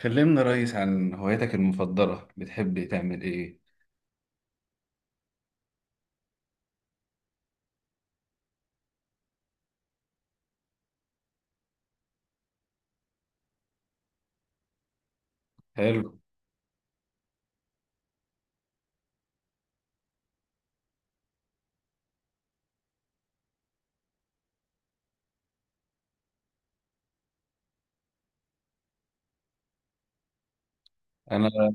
كلمنا يا ريس عن هواياتك المفضلة، بتحب تعمل ايه؟ حلو. انا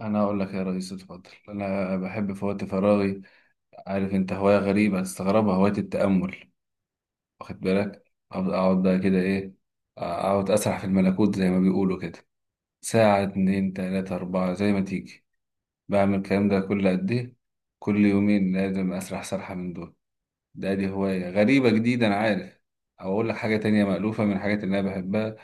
انا اقول لك يا ريس، اتفضل. انا بحب في وقت فراغي، عارف انت، هواية غريبة هتستغربها، هواية التأمل. واخد بالك؟ اقعد بقى كده ايه، اقعد اسرح في الملكوت زي ما بيقولوا كده. ساعة، اتنين، تلاتة، اربعة، زي ما تيجي. بعمل الكلام ده كل قد ايه؟ كل يومين لازم اسرح سرحة من دول. دي هواية غريبة جديدة، انا عارف. او اقول لك حاجة تانية مألوفة من الحاجات اللي انا بحبها،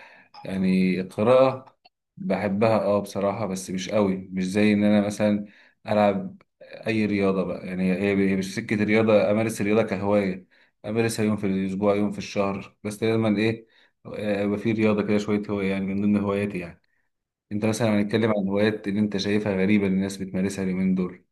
يعني القراءة. بحبها، اه بصراحة، بس مش قوي، مش زي ان انا مثلا العب اي رياضة بقى، يعني هي مش سكة رياضة، امارس الرياضة كهواية، امارسها يوم في الاسبوع، يوم في الشهر، بس دايما ايه، يبقى في رياضة كده شوية، هواية يعني من ضمن هواياتي يعني. انت مثلا، هنتكلم عن هوايات اللي انت شايفها غريبة اللي الناس بتمارسها اليومين دول؟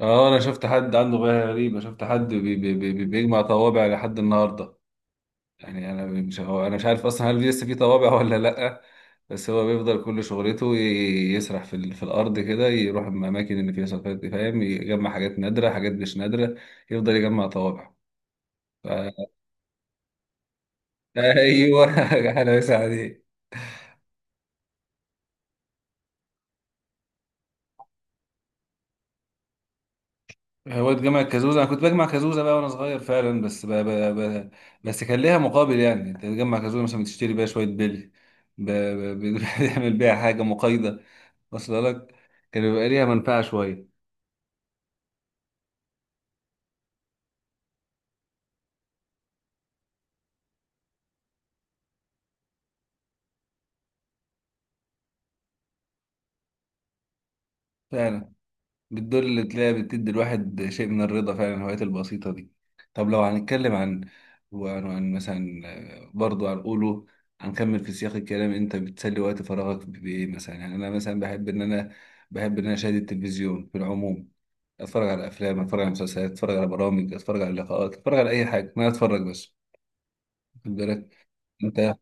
اه، انا شفت حد عنده هواية غريبة، شفت حد بي بي بي بيجمع طوابع لحد النهاردة. يعني انا مش عارف اصلا هل لسه في طوابع ولا لا، بس هو بيفضل كل شغلته يسرح في في الارض كده، يروح الاماكن اللي فيها سلفات دي، فاهم، يجمع حاجات نادره، حاجات مش نادره، يفضل يجمع طوابع. ف... ايوه. انا بس عليه. هو اتجمع كازوزه، انا كنت بجمع كازوزه بقى وانا صغير فعلا، بس ب... ب... ب... بس كان ليها مقابل، يعني انت تجمع كازوزه مثلا بتشتري بيها شويه بلي، ب... ب... بتعمل بيها حاجه مقايضه، واصله لك، كان بيبقى ليها منفعه شويه. فعلا، بالدور اللي تلاقيها بتدي الواحد شيء من الرضا، فعلا الهوايات البسيطة دي. طب لو هنتكلم عن وعن مثلا، برضو هنقوله، هنكمل في سياق الكلام. انت بتسلي وقت فراغك بإيه مثلا؟ يعني انا مثلا بحب ان انا اشاهد التلفزيون في العموم، اتفرج على افلام، اتفرج على مسلسلات، اتفرج على برامج، اتفرج على لقاءات، اتفرج على اي حاجة، ما اتفرج بس. واخد بالك؟ انت؟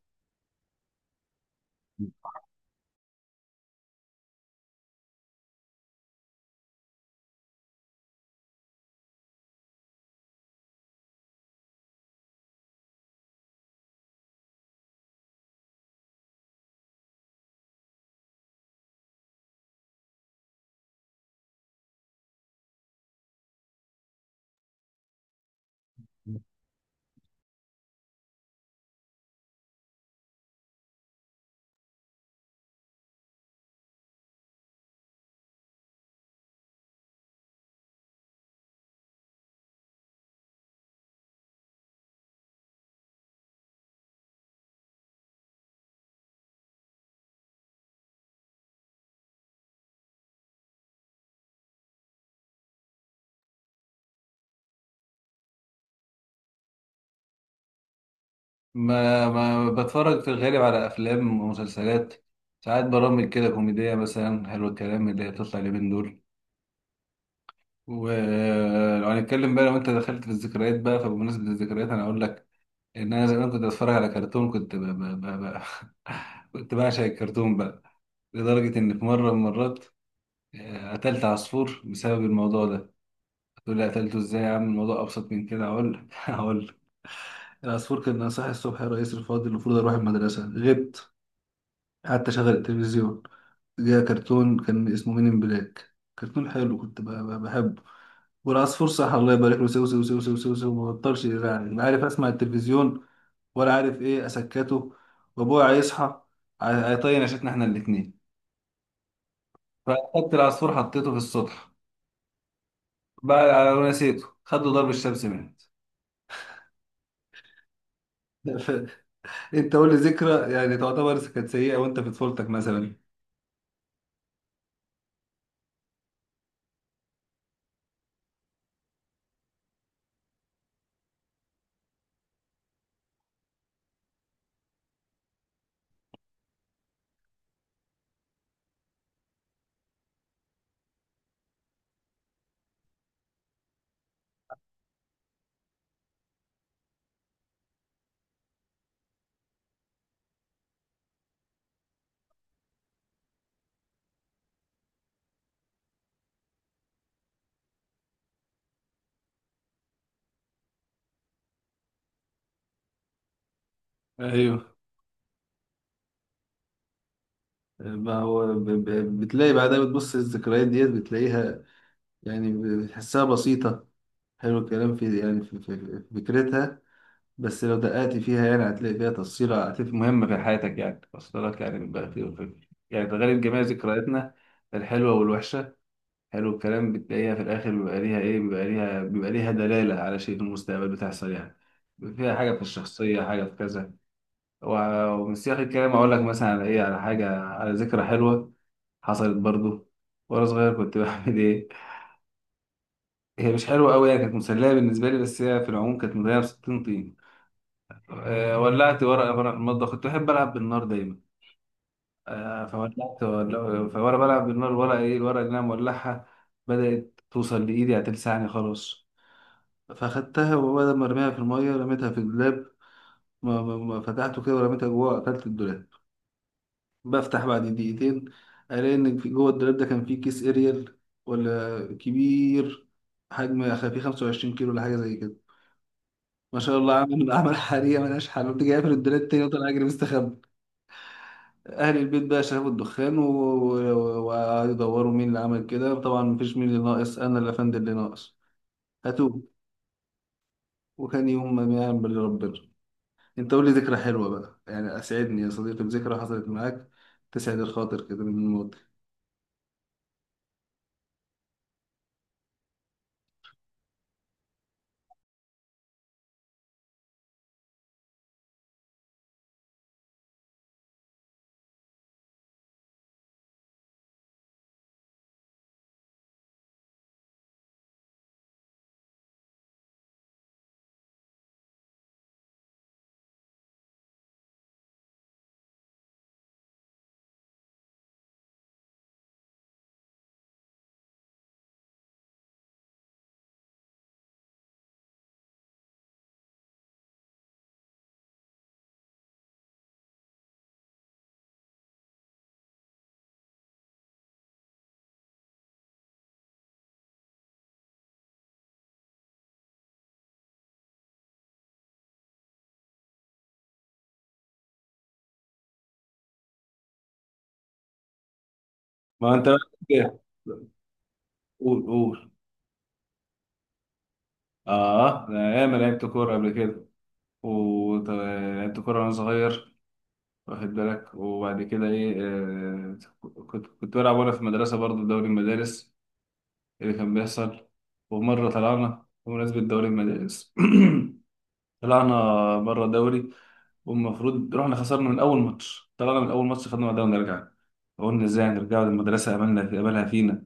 ما بتفرج في الغالب على افلام ومسلسلات، ساعات برامج كده كوميدية مثلا، حلو الكلام اللي هي بتطلع اليومين دول. ولو هنتكلم بقى، لو انت دخلت في الذكريات بقى، فبمناسبة الذكريات انا اقول لك ان انا زمان كنت بتفرج على كرتون، كنت كنت بعشق الكرتون بقى، لدرجة ان في مرة من المرات قتلت عصفور بسبب الموضوع ده. تقول لي قتلته ازاي يا عم؟ الموضوع ابسط من كده، هقول لك هقول لك. العصفور كان صاحي الصبح، يا رئيس الفاضل المفروض اروح المدرسة، غبت، قعدت اشغل التلفزيون، جه كرتون كان اسمه مين ان بلاك، كرتون حلو كنت بحبه. والعصفور صح، الله يبارك له، سو سو سو سو سو سو، ما بطلش يزعل، لا عارف اسمع التلفزيون ولا عارف ايه اسكته، وابويا هيصحى، هيطين عشتنا احنا الاتنين. فاخدت العصفور حطيته في السطح بقى ونسيته، خد له ضرب الشمس، مات. انت قول لي ذكرى يعني تعتبر كانت سيئة وانت في طفولتك مثلا؟ ايوه. ما هو بتلاقي بعدها، بتبص الذكريات ديت بتلاقيها، يعني بتحسها بسيطة. حلو الكلام في، يعني في في فكرتها، بس لو دققت فيها يعني هتلاقي فيها تفصيلة، هتلاقي مهمة في حياتك، يعني وصلت لك، يعني بيبقى في يعني تغير جميع ذكرياتنا، الحلوة والوحشة. حلو الكلام، بتلاقيها في الآخر بيبقى ليها إيه، بيبقى ليها دلالة على شيء في المستقبل بتحصل، يعني فيها حاجة في الشخصية، حاجة في كذا. ومن سياق الكلام أقول لك مثلا على إيه، على حاجة على ذكرى حلوة حصلت برضو وأنا صغير، كنت بعمل إيه، هي مش حلوة أوي، يعني كانت مسلية بالنسبة لي، بس هي في العموم كانت مليانة بستين طين. ولعت ورقة وأنا في المطبخ، كنت بحب ألعب بالنار دايما. فولعت فوأنا بلعب بالنار، الورقة إيه، الورقة اللي أنا مولعها بدأت توصل لإيدي، هتلسعني خلاص، فأخدتها وبدل ما أرميها في المية رميتها في الدولاب، ما فتحته كده ورميتها جوه، قفلت الدولاب. بفتح بعد دقيقتين، ألاقي إن في جوه الدولاب ده كان فيه كيس إريال، ولا كبير، حجم فيه 25 كيلو ولا حاجة زي كده. ما شاء الله، عامل عمل حريقة ملهاش حل. قمت جاي قافل الدولاب تاني وطلع أجري مستخبي. اهل البيت بقى شافوا الدخان، وقعدوا يدوروا مين اللي عمل كده. طبعا مفيش، مين اللي ناقص، انا اللي افند اللي ناقص، هاتوه، وكان يوم ما يعمل ربنا. انت قول لي ذكرى حلوه بقى، يعني اسعدني يا صديقي بذكرى حصلت معاك، تسعد الخاطر كده من الماضي. ما انت بقى كده. قول، قول. اه، انا ياما لعبت كوره قبل كده، ولعبت كوره وانا صغير، واخد بالك؟ وبعد كده ايه، كنت بلعب وانا في المدرسه برضه في دوري المدارس اللي كان بيحصل. ومرة طلعنا بمناسبة دوري المدارس، طلعنا بره الدوري. والمفروض رحنا خسرنا من أول ماتش، طلعنا من أول ماتش، خدنا بعدها ونرجع. قلنا، ازاي هنرجعوا للمدرسة؟ أملنا في أملها فينا،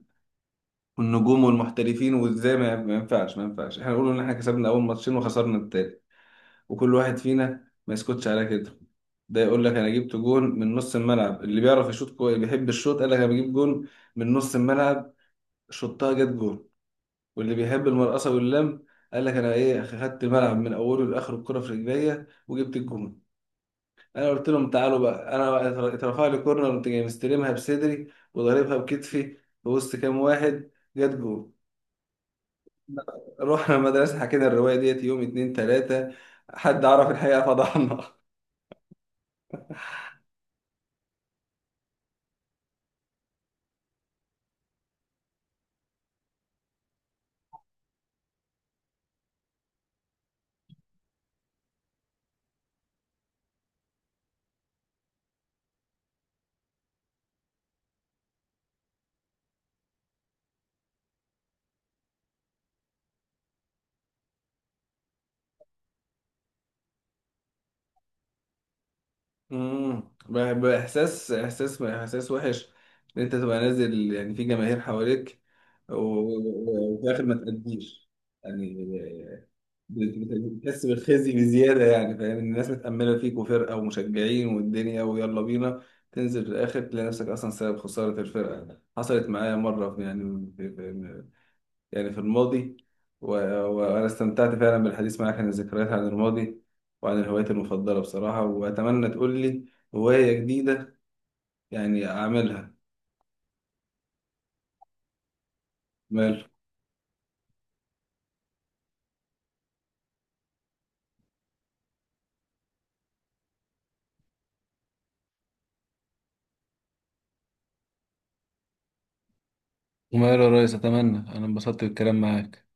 والنجوم والمحترفين، وازاي؟ ما ينفعش، ما ينفعش احنا نقول إن احنا كسبنا أول ماتشين وخسرنا التالت، وكل واحد فينا ما يسكتش على كده. ده يقول لك، انا جبت جون من نص الملعب. اللي بيعرف يشوط كويس بيحب الشوط قال لك، انا بجيب جون من نص الملعب، شطها جت جون. واللي بيحب المرقصة واللم قال لك، أنا إيه، خدت الملعب من أوله لآخره، الكرة في رجليا وجبت الجون. أنا قلت لهم، تعالوا بقى، أنا بقى اترفع لي كورنر قمت جاي مستلمها بصدري وضاربها بكتفي في وسط كام واحد، جت جون. رحنا المدرسة، حكينا الرواية ديت يوم، اتنين، تلاتة، حد عرف الحقيقة فضحنا. امم بإحساس إحساس إحساس وحش، إن أنت تبقى نازل يعني في جماهير حواليك، وفي الآخر ما تأديش، يعني بتحس بالخزي بزيادة، يعني فاهم إن الناس متأملة فيك، وفرقة ومشجعين والدنيا ويلا بينا، تنزل في الآخر تلاقي نفسك أصلا سبب خسارة الفرقة. حصلت معايا مرة في، يعني في يعني في الماضي. وأنا استمتعت فعلا بالحديث معاك عن الذكريات، عن الماضي، وعن الهوايات المفضلة بصراحة، وأتمنى تقول لي هواية جديدة يعني أعملها. مال؟ وماله يا ريس، اتمنى، انا انبسطت بالكلام معاك.